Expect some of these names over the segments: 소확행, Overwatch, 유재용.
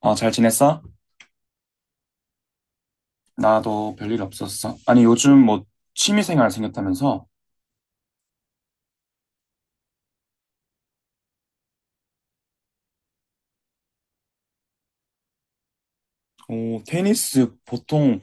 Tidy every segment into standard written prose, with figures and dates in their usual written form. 어, 잘 지냈어? 나도 별일 없었어. 아니, 요즘 뭐 취미생활 생겼다면서? 어, 테니스 보통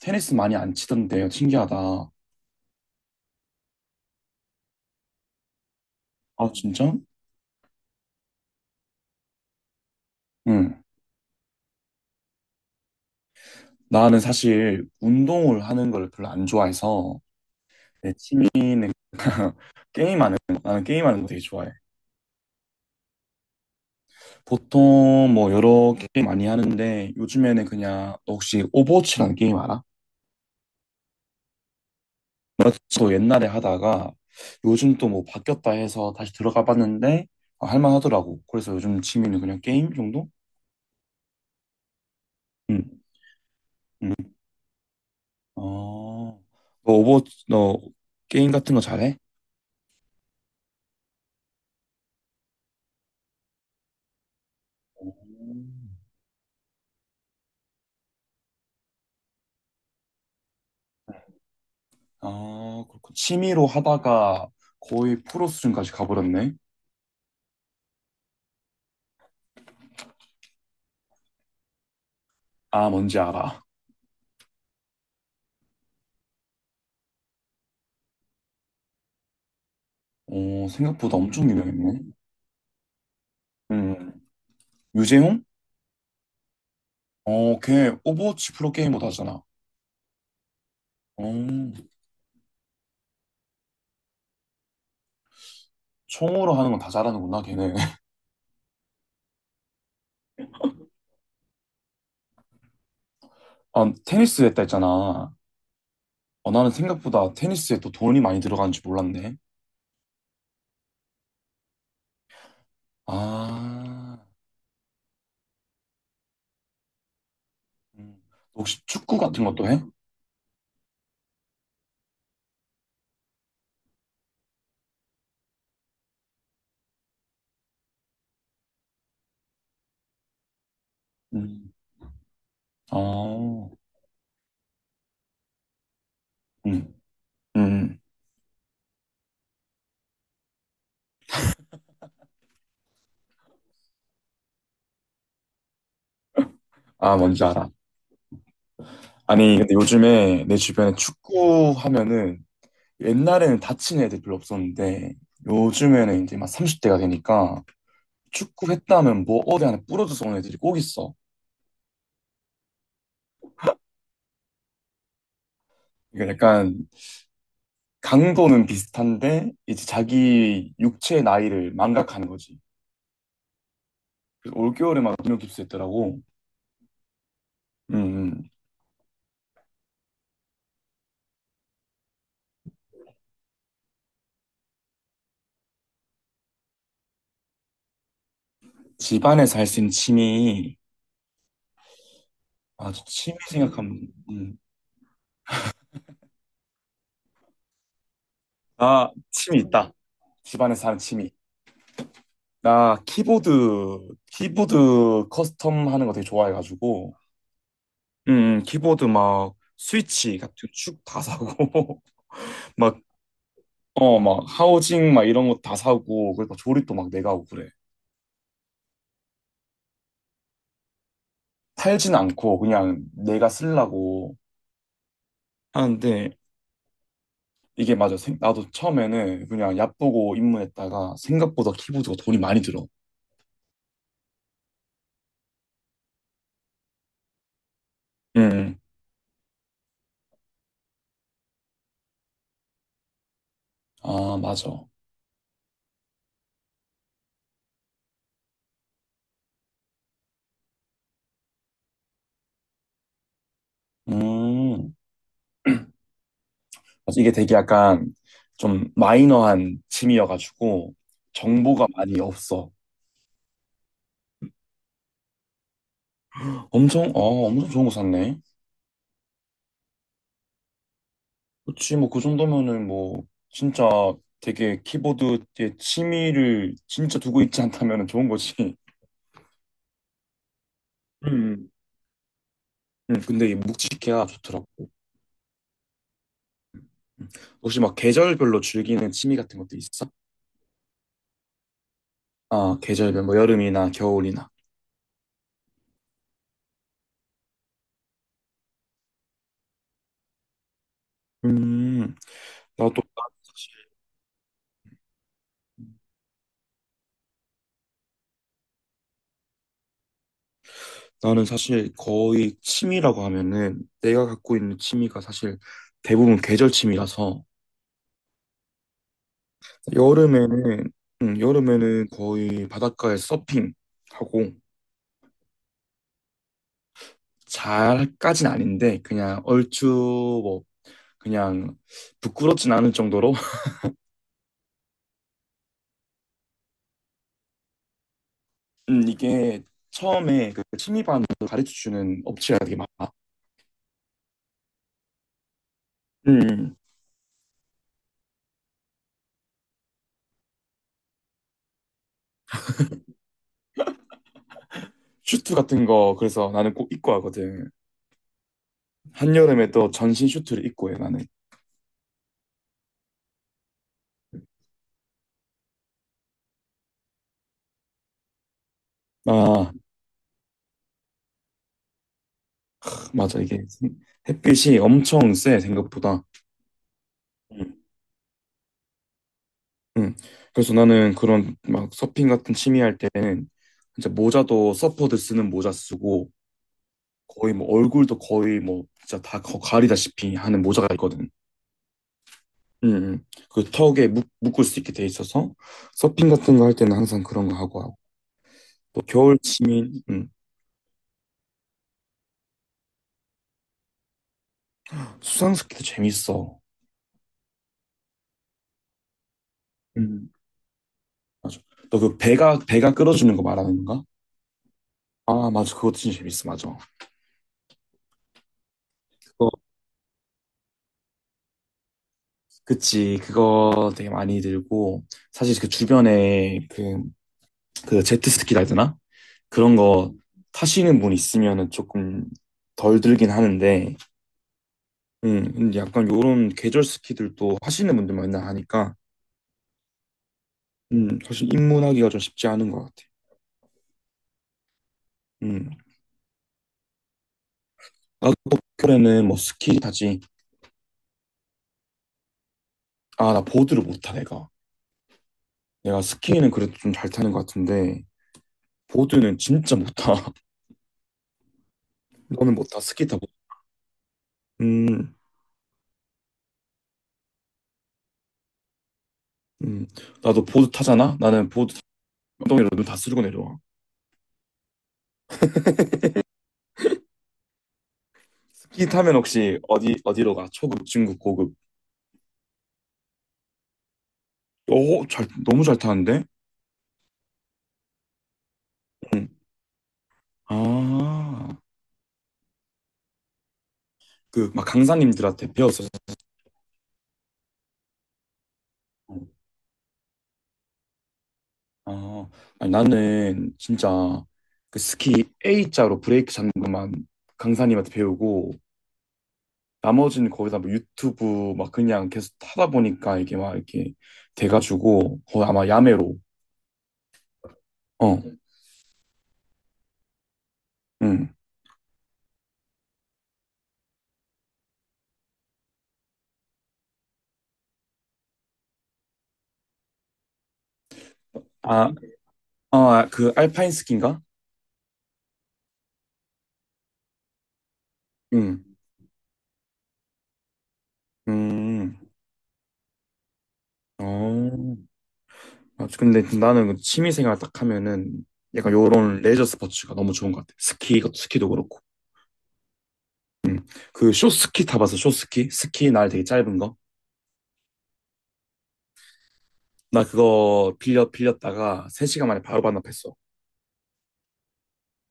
테니스 많이 안 치던데 신기하다. 아, 진짜? 응. 나는 사실 운동을 하는 걸 별로 안 좋아해서 내 취미는 게임하는 거. 나는 게임하는 거 되게 좋아해. 보통 뭐 여러 게임 많이 하는데 요즘에는 그냥 너 혹시 오버워치라는 게임 알아? 맞죠. 옛날에 하다가 요즘 또 뭐 바뀌었다 해서 다시 들어가 봤는데 아, 할만하더라고. 그래서 요즘 취미는 그냥 게임 정도? 응, 응. 아.. 너 오버, 너 게임 같은 거 잘해? 음. 아, 그렇군. 취미로 하다가 거의 프로 수준까지 가버렸네. 아, 뭔지 알아. 어, 생각보다 엄청 유명했네. 음, 유재용? 어, 걔 오버워치 프로게이머도 하잖아. 어, 총으로 하는 건 다 잘하는구나, 걔는. 아, 테니스 했다 했잖아. 어, 나는 생각보다 테니스에 또 돈이 많이 들어가는 지 몰랐네. 아, 음. 혹시 축구 같은 것도 해? 음. 아, 음. 음. 아, 뭔지 알아. 아니, 근데 요즘에 내 주변에 축구 하면은 옛날에는 다친 애들 별로 없었는데 요즘에는 이제 막 30대가 되니까 축구 했다 하면 뭐 어디 하나 부러져서 오는 애들이 꼭 있어. 이게 약간 강도는 비슷한데 이제 자기 육체의 나이를 망각하는 거지. 그래서 올겨울에 막泌尿깁스 했더라고. 음, 집안에서 할 수 있는 취미. 아, 저 취미 생각하면, 아, 취미 있다. 집안에서 하는 취미. 나 키보드, 키보드 커스텀 하는 거 되게 좋아해가지고, 음, 키보드 막 스위치 같은 축 다 사고, 막, 어, 막 하우징 막 이런 거 다 사고, 그리고 조립도 막 내가 하고 그래. 팔진 않고 그냥 내가 쓰려고 하는데, 이게 맞아. 나도 처음에는 그냥 얕보고 입문했다가 생각보다 키보드가 돈이 많이 들어. 음, 아, 맞아. 음, 맞아. 이게 되게 약간 좀 마이너한 취미여가지고 정보가 많이 없어. 엄청, 아, 엄청 좋은 거 샀네. 그치, 뭐 그 정도면은 뭐 진짜 되게 키보드에 취미를 진짜 두고 있지 않다면 좋은 거지. 음, 근데 이 묵직해야 좋더라고. 음. 혹시 막 계절별로 즐기는 취미 같은 것도 있어? 아, 계절별, 뭐 여름이나 겨울이나. 음, 나도 나는 사실 거의 취미라고 하면은 내가 갖고 있는 취미가 사실 대부분 계절 취미라서 여름에는 여름에는 거의 바닷가에 서핑 하고 잘까진 아닌데 그냥 얼추 뭐 그냥 부끄럽진 않을 정도로 이게 처음에 그 취미반으로 가르쳐 주는 업체가 되게 많아. 음. 슈트 같은 거 그래서 나는 꼭 입고 하거든. 한여름에 또 전신 슈트를 입고 해 나는. 아 맞아. 이게 햇빛이 엄청 세, 생각보다. 응. 응. 그래서 나는 그런 막 서핑 같은 취미 할 때는 진짜 모자도 서퍼들 쓰는 모자 쓰고 거의 뭐 얼굴도 거의 뭐 진짜 다 가리다시피 하는 모자가 있거든. 응. 응. 그 턱에 묶을 수 있게 돼 있어서 서핑 같은 거 할 때는 항상 그런 거 하고 하고 또 겨울 취미 응. 수상스키도 재밌어. 응. 맞아. 너 그 배가 끌어주는 거 말하는 건가? 아 맞아 그것도 진짜 재밌어 맞아. 그치, 그거 되게 많이 들고, 사실 그 주변에 그, 그 제트스키라 해야 되나? 그런 거 타시는 분 있으면은 조금 덜 들긴 하는데, 근데 약간 요런 계절 스키들도 하시는 분들 만나 하니까, 사실 입문하기가 좀 쉽지 않은 것 같아. 음, 나도 겨울에는 뭐 스키 타지. 아, 나 보드를 못 타, 내가. 내가 스키는 그래도 좀 잘 타는 것 같은데, 보드는 진짜 못 타. 너는 못 타, 스키 타고. 음, 음, 나도 보드 타잖아? 나는 엉덩이로 눈 다 쓸고 내려와. 스키 타면 혹시 어디로 가? 초급, 중급, 고급. 오, 너무 잘 타는데? 응. 아, 그, 막 강사님들한테 배웠어. 아, 아니, 나는 진짜 그 스키 A자로 브레이크 잡는 것만 강사님한테 배우고, 나머지는 거기다 뭐 유튜브 막 그냥 계속 타다 보니까 이게 막 이렇게 돼가지고, 거의 아마 야매로. 어, 응. 아, 아, 그 알파인 스키인가? 음, 음, 어. 아, 근데 나는 그 취미생활 딱 하면은 약간 요런 레저 스포츠가 너무 좋은 것 같아. 스키, 이것도 스키도 그렇고. 그 쇼스키 타봐서 쇼스키? 스키 날 되게 짧은 거? 나 그거 빌렸다가 3시간 만에 바로 반납했어.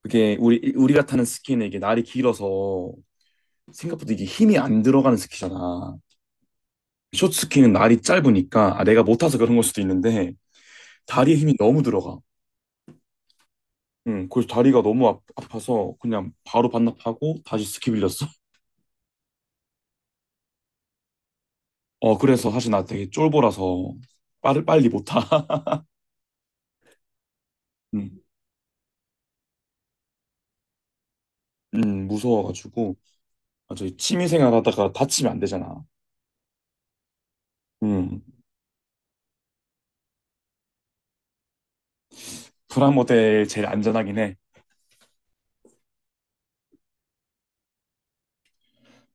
그게 우리가 타는 스키는 이게 날이 길어서 생각보다 이게 힘이 안 들어가는 스키잖아. 쇼스키는 날이 짧으니까 아, 내가 못 타서 그런 걸 수도 있는데 다리에 힘이 너무 들어가. 응, 그래서 다리가 너무 아파서 그냥 바로 반납하고 다시 스키 빌렸어. 어, 그래서 사실 나 되게 쫄보라서 빨리 빨리 못 타. 응, 응, 무서워가지고. 맞아, 취미생활 하다가 다치면 안 되잖아. 응, 프라모델 제일 안전하긴 해.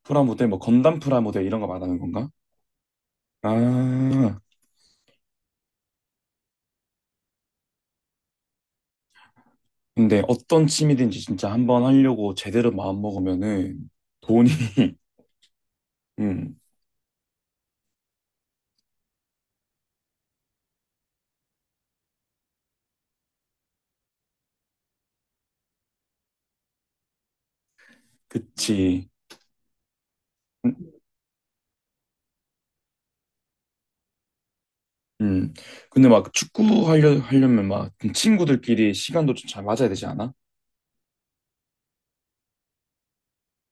프라모델, 뭐 건담 프라모델 이런 거 말하는 건가? 아, 근데 어떤 취미든지 진짜 한번 하려고 제대로 마음먹으면은 돈이, 응, 그치. 음. 근데 막 축구 하려면 막좀 친구들끼리 시간도 좀 잘 맞아야 되지 않아?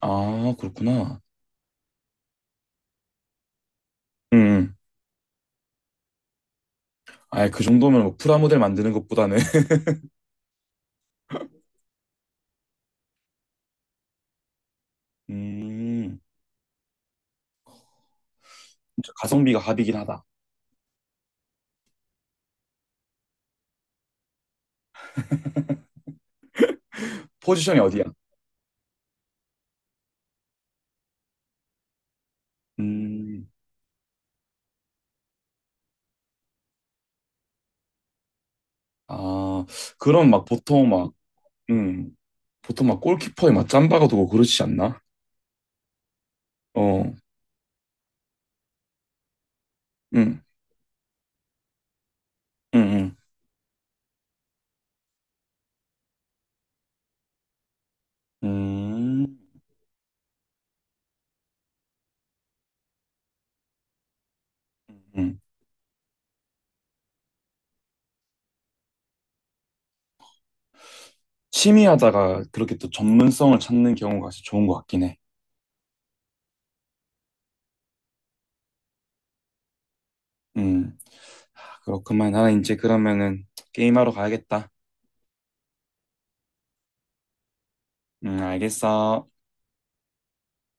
아, 그렇구나. 음. 음. 아예 그 정도면 뭐 프라모델 만드는 것보다는 음. 진짜 가성비가 갑이긴 하다. 포지션이 어디야? 음. 아, 그럼 막 보통 막 음. 보통 막 골키퍼에 막 짬바가 두고 그러지 않나? 어. 음. 음. 음. 음. 음. 취미하다가 그렇게 또 전문성을 찾는 경우가 진짜 좋은 것 같긴 해. 음. 그렇구만. 나는 이제 그러면은 게임하러 가야겠다. 응, 알겠어.